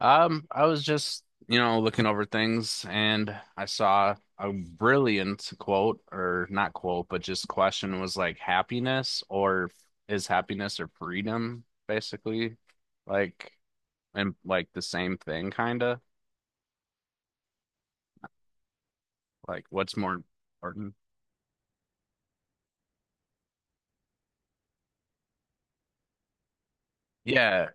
I was just, looking over things and I saw a brilliant quote, or not quote, but just question was like happiness or is happiness or freedom, basically, like, and like the same thing, kind of, like what's more important? Yeah.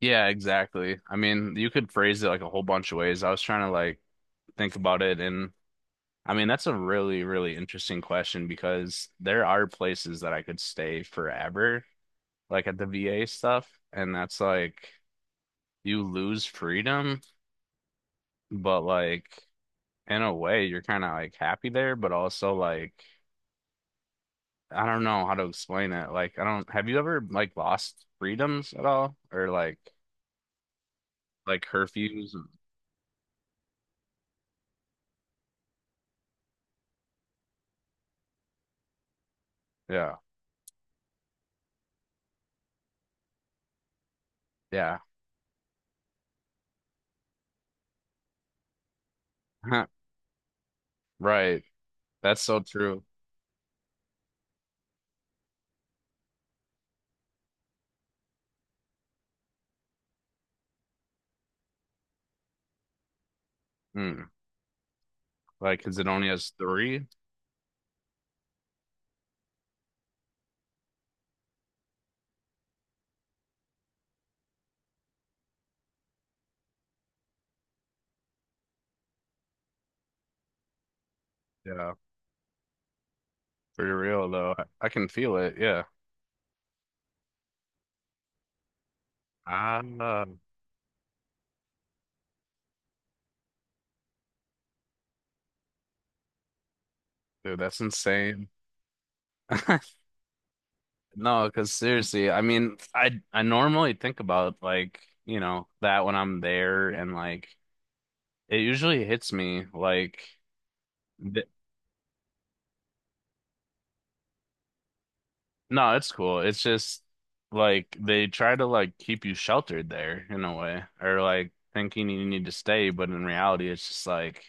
Yeah, exactly. I mean, you could phrase it like a whole bunch of ways. I was trying to like think about it. And I mean, that's a really, really interesting question because there are places that I could stay forever, like at the VA stuff, and that's like you lose freedom, but like in a way you're kind of like happy there, but also like I don't know how to explain it. Like I don't have you ever like lost freedoms at all, or like curfews? Yeah. Yeah. Right. That's so true. Mm. Like, 'cause it only has three? Yeah. Pretty real though. I can feel it. Yeah. Ah, dude, that's insane. No, because seriously, I mean, I normally think about like, you know, that when I'm there and like it usually hits me like th no, it's cool. It's just like they try to like keep you sheltered there in a way, or like thinking you need to stay, but in reality it's just like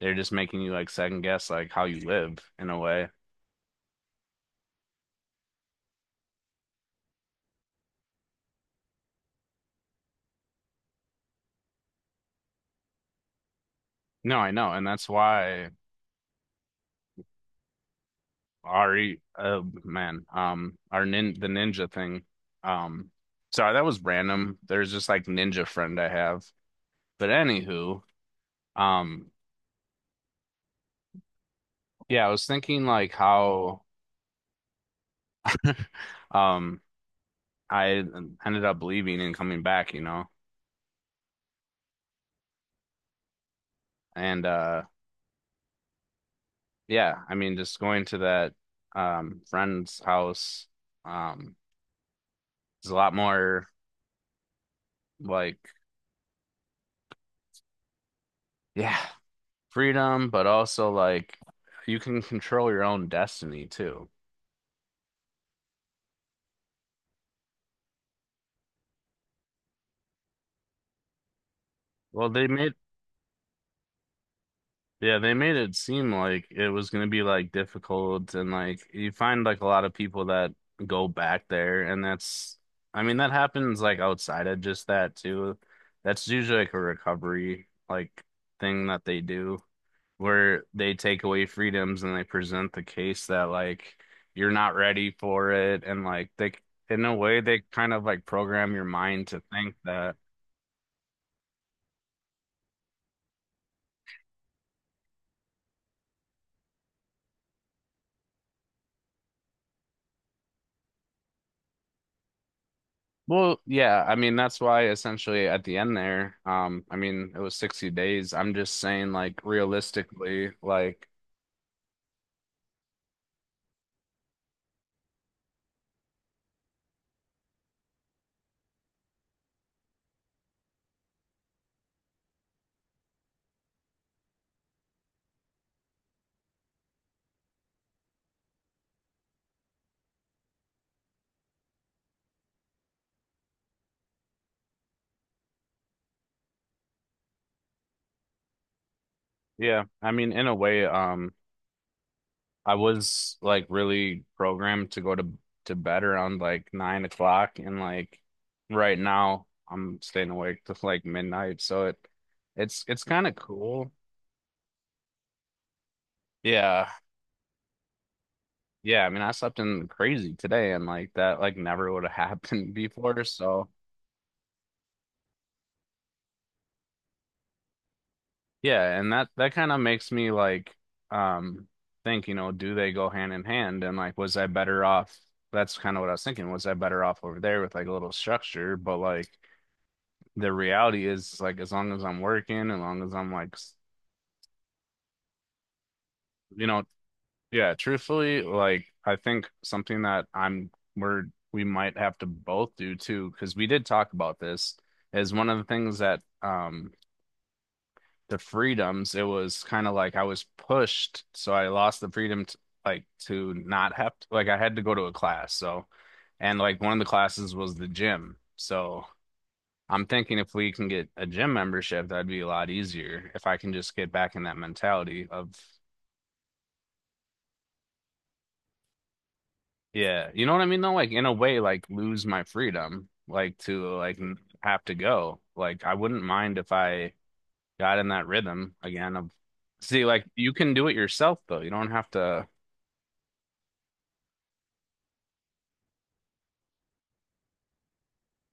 they're just making you like second guess like how you live in a way. No, I know, and that's why Ari, oh man, our nin the ninja thing. Um, so that was random. There's just like ninja friend I have. But anywho, um, yeah, I was thinking like how, um, I ended up leaving and coming back, you know, and yeah, I mean, just going to that friend's house, um, is a lot more like, yeah, freedom, but also like you can control your own destiny too. Well, they made yeah, they made it seem like it was gonna be like difficult, and like you find like a lot of people that go back there, and that's I mean that happens like outside of just that too. That's usually like a recovery like thing that they do, where they take away freedoms and they present the case that like you're not ready for it, and like they in a way they kind of like program your mind to think that. Well, yeah, I mean that's why essentially at the end there, I mean it was 60 days. I'm just saying like realistically, like yeah, I mean in a way, I was like really programmed to go to bed around like 9 o'clock, and like right now I'm staying awake to like midnight, so it's kind of cool. Yeah, yeah. I mean I slept in crazy today, and like that like never would have happened before, so. Yeah, and that kind of makes me like um think, you know, do they go hand in hand? And like, was I better off? That's kind of what I was thinking. Was I better off over there with like a little structure? But like the reality is like as long as I'm working, as long as I'm like, you know, yeah, truthfully, like I think something that I'm we're we might have to both do too, because we did talk about this, is one of the things that the freedoms, it was kind of like I was pushed, so I lost the freedom to, like to not have to, like I had to go to a class. So, and like one of the classes was the gym. So I'm thinking if we can get a gym membership, that'd be a lot easier if I can just get back in that mentality of, yeah, you know what I mean though? Like in a way, like lose my freedom, like to like have to go. Like I wouldn't mind if I got in that rhythm again of See, like you can do it yourself though. You don't have to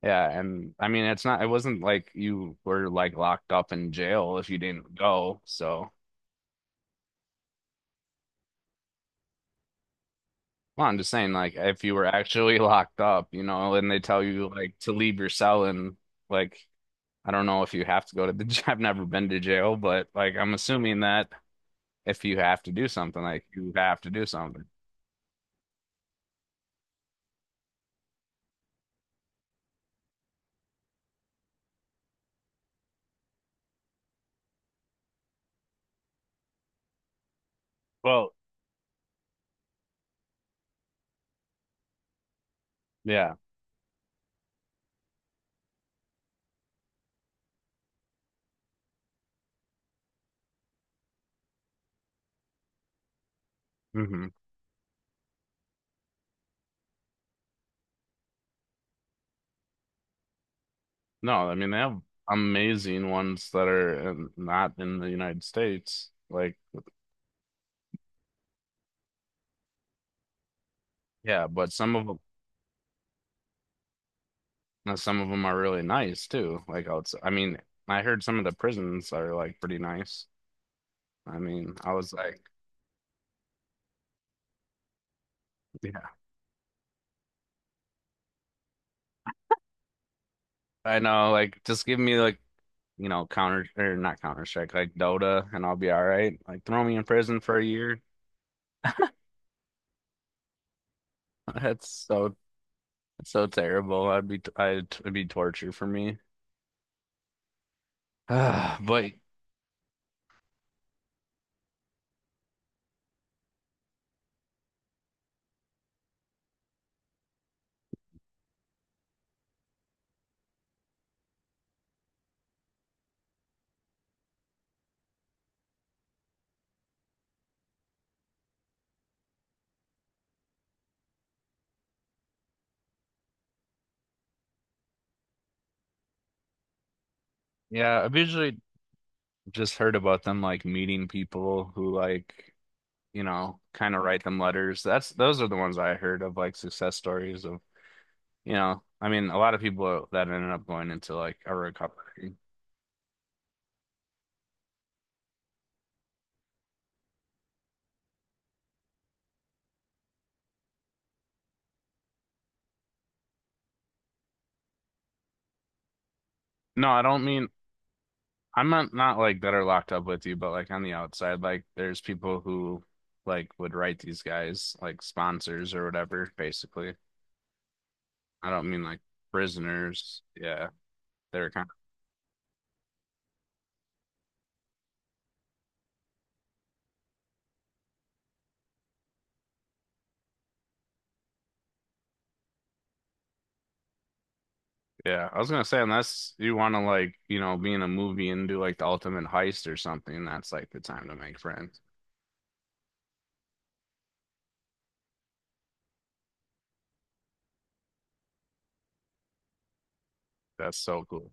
Yeah, and I mean it's not it wasn't like you were like locked up in jail if you didn't go. So, well, I'm just saying like if you were actually locked up, you know, and they tell you like to leave your cell and like I don't know if you have to go to the I've never been to jail, but like I'm assuming that if you have to do something, like you have to do something. Well, yeah. Hmm. No, I mean they have amazing ones that are not in the United States. Like, yeah, but some of them Now, some of them are really nice too. Like outside, I mean, I heard some of the prisons are like pretty nice. I mean, I was like, yeah, I know. Like, just give me like, you know, counter or not Counter Strike, like Dota, and I'll be all right. Like, throw me in prison for a year. That's so that's so terrible. I'd be I'd it'd be torture for me. But yeah, I've usually just heard about them like meeting people who like, you know, kind of write them letters. That's those are the ones I heard of like success stories of You know, I mean, a lot of people that ended up going into like a recovery. No, I don't mean I'm not like that are locked up with you, but like on the outside, like there's people who like would write these guys like sponsors or whatever, basically. I don't mean like prisoners. Yeah. They're kind of, yeah. I was gonna say unless you wanna like, you know, be in a movie and do like the ultimate heist or something, that's like the time to make friends. That's so cool.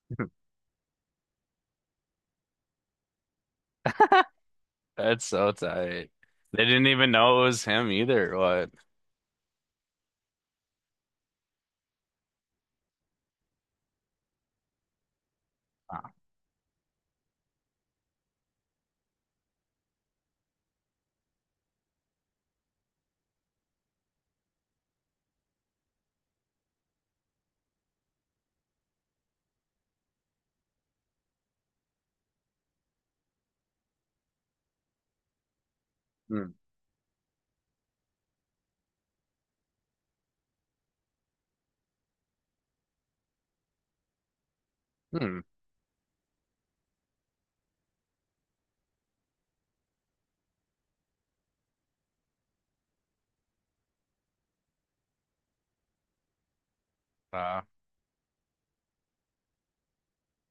That's so tight. They didn't even know it was him either. What? Wow. Hmm. Hmm. Uh,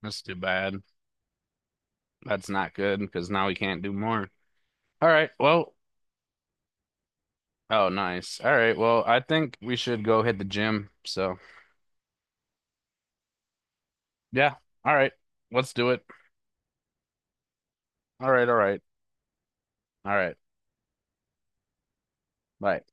that's too bad. That's not good because now we can't do more. All right. Well, oh, nice. All right. Well, I think we should go hit the gym. So, yeah. All right. Let's do it. All right. All right. All right. Bye.